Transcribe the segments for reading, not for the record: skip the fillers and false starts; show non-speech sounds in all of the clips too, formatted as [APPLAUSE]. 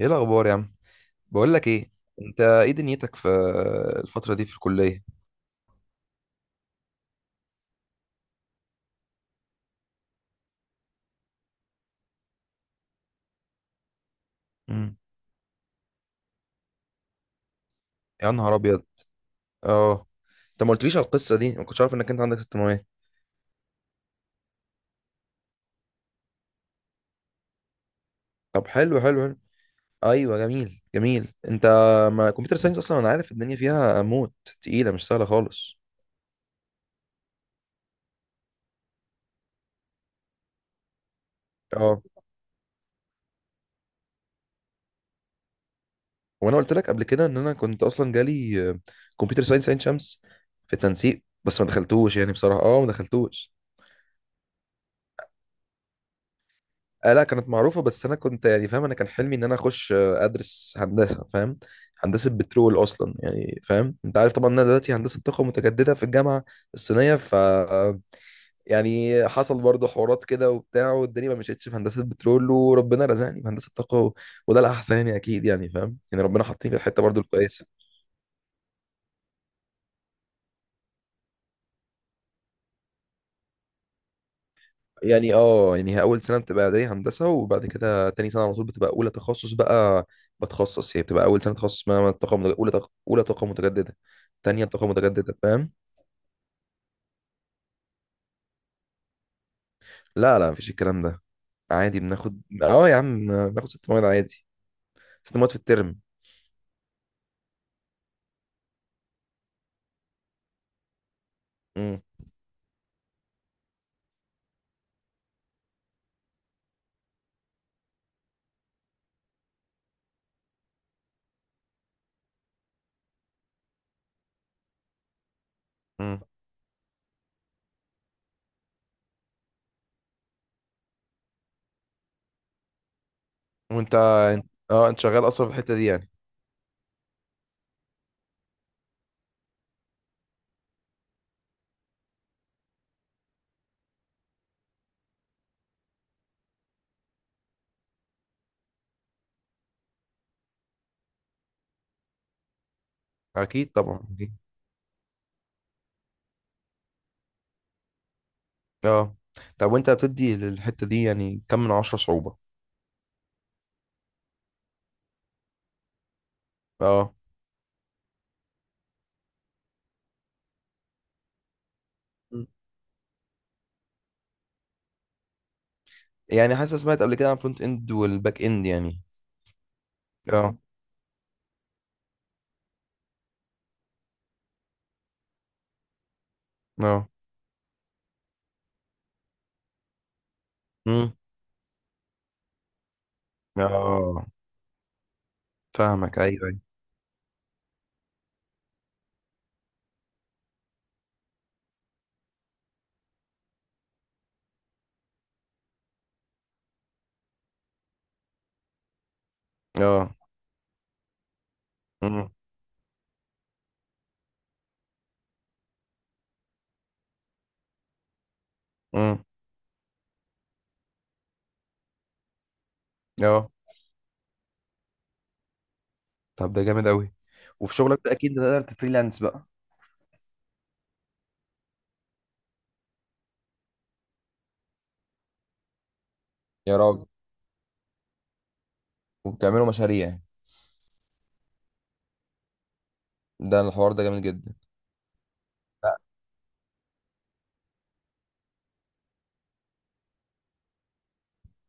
ايه الاخبار يا عم؟ بقول لك ايه. انت ايه دنيتك في الفتره دي في الكليه؟ امم. يا نهار ابيض. اه، انت ما قلتليش على القصه دي، ما كنتش عارف انك انت عندك ثانويه. طب حلو حلو حلو. ايوه جميل جميل. انت ما كمبيوتر ساينس، اصلا انا عارف الدنيا فيها موت تقيله، مش سهله خالص. اه. وانا قلت لك قبل كده ان انا كنت اصلا جالي كمبيوتر ساينس عين شمس في التنسيق، بس ما دخلتوش، يعني بصراحه ما دخلتوش. آه لا، كانت معروفة، بس أنا كنت يعني فاهم، أنا كان حلمي إن أنا أخش، أدرس هندسة، فاهم؟ هندسة بترول أصلا، يعني فاهم، أنت عارف طبعا إن أنا دلوقتي هندسة طاقة متجددة في الجامعة الصينية. ف آه، يعني حصل برضه حوارات كده وبتاع، والدنيا ما مشيتش في هندسة بترول وربنا رزقني في هندسة طاقة وده الأحسن، يعني أكيد، يعني فاهم، يعني ربنا حاطيني في الحتة برضه الكويسة. يعني هي اول سنه بتبقى اعدادي هندسه، وبعد كده تاني سنه على طول بتبقى اولى تخصص بقى. بتخصص، هي بتبقى اول سنه تخصص، اسمها طاقه متج- اولى طاقه اولى طاقه متجدده. تانية طاقه متجدده، فاهم؟ لا لا، مفيش الكلام ده. عادي بناخد، يا عم بناخد ست مواد عادي، ست مواد في الترم. امم. امم. وانت، اه انت شغال اصلا في الحته دي يعني؟ اكيد طبعا أكيد. اه. طب وانت بتدي للحته دي يعني كم من عشرة صعوبه؟ اه. مم. يعني حاسس، سمعت قبل كده عن فرونت اند والباك اند يعني. اه. اه. امم. اه. فاهمك، ايوه ايوه. اه. امم. امم. اه. طب ده جامد قوي. وفي شغلك ده اكيد بتقدر تفريلانس بقى. يا راجل، وبتعملوا مشاريع؟ ده الحوار ده جامد جدا.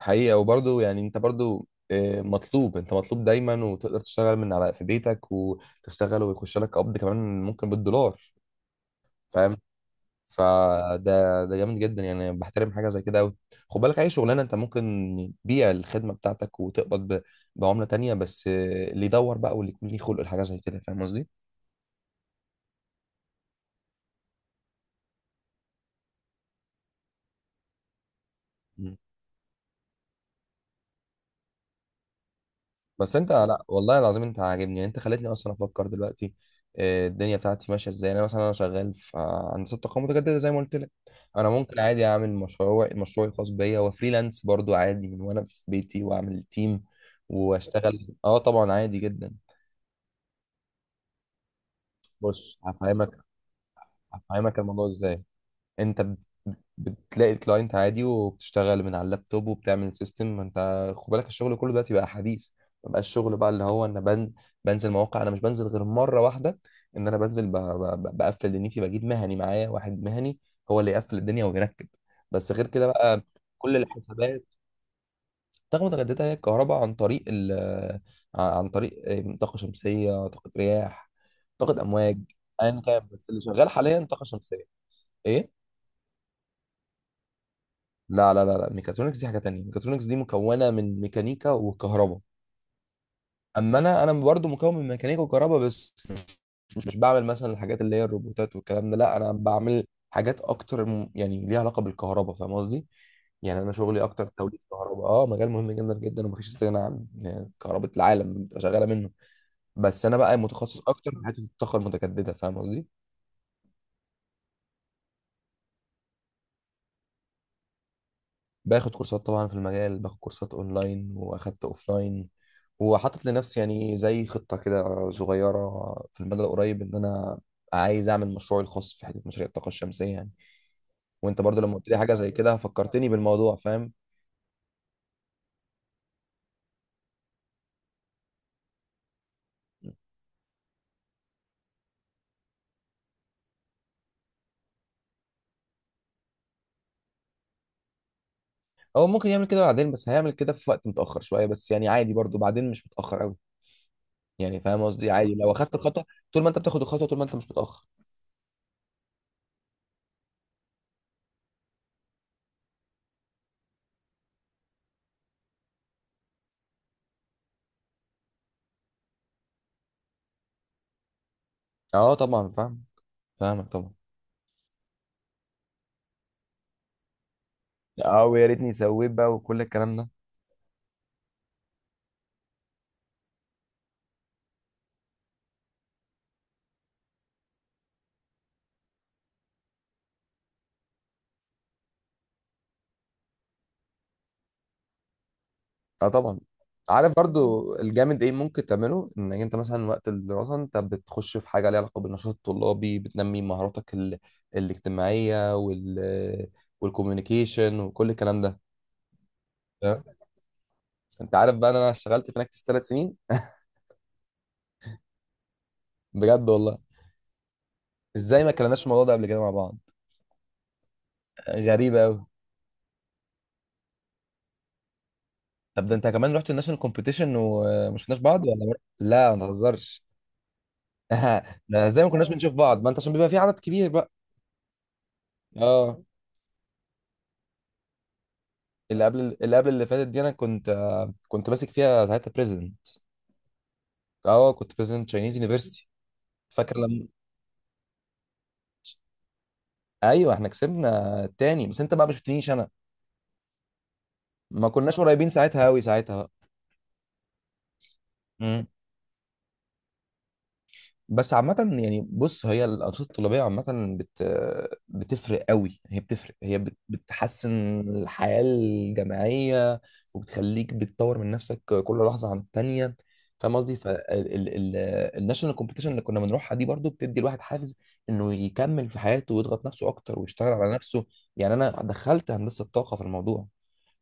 حقيقة، وبرضه يعني انت برضه مطلوب، انت مطلوب دايما، وتقدر تشتغل من على في بيتك وتشتغل ويخش لك قبض كمان ممكن بالدولار. فاهم؟ فده جامد جدا، يعني بحترم حاجه زي كده قوي. خد بالك، اي شغلانه انت ممكن تبيع الخدمه بتاعتك وتقبض بعمله تانية، بس اللي يدور بقى واللي يكون ليه خلق لحاجه زي كده، فاهم قصدي؟ مم. بس انت، لا والله العظيم انت عاجبني، يعني انت خلتني اصلا افكر دلوقتي الدنيا بتاعتي ماشيه ازاي، يعني انا مثلا انا شغال في هندسه طاقه متجدده زي ما قلت لك. انا ممكن عادي اعمل مشروعي الخاص بيا وفريلانس برضو عادي من وانا في بيتي واعمل تيم واشتغل، طبعا عادي جدا. بص هفهمك، الموضوع ازاي. انت بتلاقي الكلاينت عادي وبتشتغل من على اللابتوب وبتعمل سيستم. ما انت خد بالك الشغل كله دلوقتي بقى حديث، ما بقاش الشغل بقى اللي هو انا بنزل، مواقع. انا مش بنزل غير مره واحده، ان انا بنزل ب- ب- ب- بقفل دنيتي، بجيب مهني معايا، واحد مهني هو اللي يقفل الدنيا ويركب، بس غير كده بقى كل الحسابات. طاقة متجددة هي الكهرباء عن طريق ال عن طريق إيه، طاقة شمسية، طاقة رياح، طاقة أمواج، أيا كان، بس اللي شغال حاليا طاقة شمسية. إيه؟ لا لا لا لا، ميكاترونكس دي حاجه تانية، ميكاترونكس دي مكونه من ميكانيكا وكهرباء. اما انا برضو مكون من ميكانيكا وكهرباء، بس مش بعمل مثلا الحاجات اللي هي الروبوتات والكلام ده، لا انا بعمل حاجات اكتر، يعني ليها علاقه بالكهرباء، فاهم قصدي؟ يعني انا شغلي اكتر توليد كهرباء، مجال مهم جدا جدا، ومفيش استغناء عن، يعني كهرباء العالم بتبقى شغاله منه. بس انا بقى متخصص اكتر في حته الطاقه المتجدده، فاهم قصدي؟ باخد كورسات طبعا في المجال، باخد كورسات اونلاين واخدت اوفلاين، وحاطط لنفسي يعني زي خطة كده صغيرة في المدى القريب، ان انا عايز اعمل مشروعي الخاص في حتة مشاريع الطاقة الشمسية يعني. وانت برضو لما قلت لي حاجة زي كده فكرتني بالموضوع، فاهم؟ هو ممكن يعمل كده بعدين، بس هيعمل كده في وقت متأخر شوية، بس يعني عادي برضو، بعدين مش متأخر قوي، يعني فاهم قصدي؟ عادي لو اخدت الخطوة، طول ما انت بتاخد الخطوة طول ما انت مش متأخر. اه طبعا فاهم. فاهمك طبعا. اه، ويا ريتني سويت بقى، وكل الكلام ده. اه طبعا، عارف برضو الجامد ايه ممكن تعمله؟ انك انت مثلا وقت الدراسه انت بتخش في حاجه ليها علاقه بالنشاط الطلابي، بتنمي مهاراتك الاجتماعيه والكوميونيكيشن وكل الكلام ده، فاهم؟ انت عارف بقى إن انا اشتغلت في نكتس ثلاث سنين. [LAUGHS] بجد والله، ازاي ما كلمناش في الموضوع ده قبل كده مع بعض؟ غريبه قوي. طب ده انت كمان رحت الناشونال كومبيتيشن وما شفناش بعض ولا مرة؟ لا ما تهزرش. [LAUGHS] ده ازاي ما كناش بنشوف بعض؟ ما انت عشان بيبقى في عدد كبير بقى. اه. اللي قبل اللي قبل اللي فاتت دي، انا كنت ماسك فيها ساعتها بريزيدنت. اه، كنت بريزيدنت تشاينيز يونيفرستي. فاكر لما؟ ايوه احنا كسبنا التاني، بس انت بقى ما شفتنيش انا، ما كناش قريبين ساعتها، قوي ساعتها بقى. مم. بس عامة يعني، بص هي الأنشطة الطلابية عامة بت... بتفرق قوي، هي بتفرق، بتحسن الحياة الجامعية، وبتخليك بتطور من نفسك كل لحظة عن التانية، فاهم قصدي؟ فالناشونال كومبيتيشن اللي كنا بنروحها دي برضو بتدي الواحد حافز إنه يكمل في حياته ويضغط نفسه أكتر ويشتغل على نفسه. يعني أنا دخلت هندسة طاقة في الموضوع،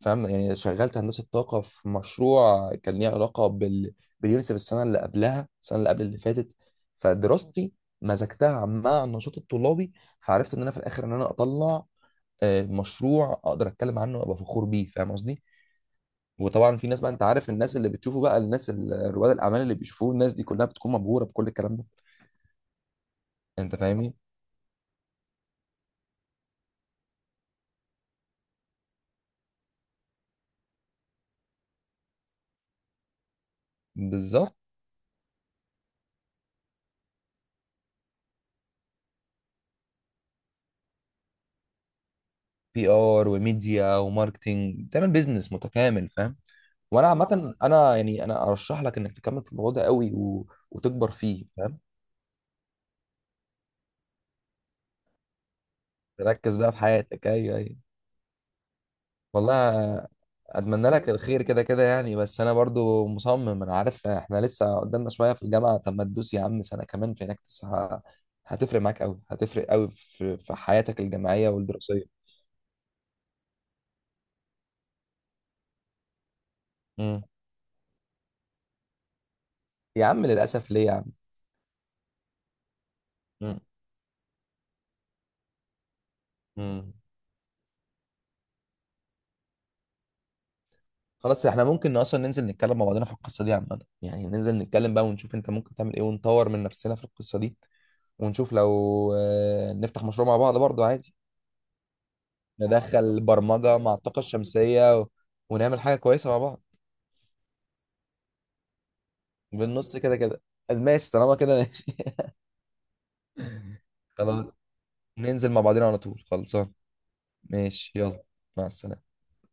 فاهم؟ يعني شغلت هندسه طاقه في مشروع كان ليه علاقه باليونيسف، السنه اللي قبل اللي فاتت. فدراستي مزجتها مع النشاط الطلابي، فعرفت ان انا في الاخر ان انا اطلع مشروع اقدر اتكلم عنه وابقى فخور بيه، فاهم قصدي؟ وطبعا في ناس بقى، انت عارف الناس اللي بتشوفه بقى، الناس رواد الاعمال اللي بيشوفوه، الناس دي كلها بتكون مبهوره بكل الكلام ده. انت فاهمني. بالظبط. بي ار وميديا وماركتينج، تعمل بيزنس متكامل، فاهم. وانا عامه، انا يعني انا ارشح لك انك تكمل في الموضوع ده قوي، وتكبر فيه، فاهم؟ تركز بقى في حياتك، ايوه ايوه. والله اتمنى لك الخير، كده كده يعني، بس انا برضو مصمم، انا عارف احنا لسه قدامنا شويه في الجامعه، طب ما تدوس يا عم سنه كمان في هناك، هتفرق معاك قوي، هتفرق قوي في حياتك الجامعيه والدراسيه. امم. يا عم للاسف، ليه يا عم؟ امم. امم. خلاص، احنا ممكن اصلا ننزل نتكلم مع بعضنا في القصه دي عامه، يعني ننزل نتكلم بقى، ونشوف انت ممكن تعمل ايه، ونطور من نفسنا في القصه دي، ونشوف لو نفتح مشروع مع بعض برضو عادي، ندخل برمجة مع الطاقة الشمسية ونعمل حاجة كويسة مع بعض. بالنص كده كده. ماشي طالما كده، ماشي. [LAUGHS] خلاص. ننزل مع بعضنا على طول، خلصان. ماشي، يلا. مع السلامة.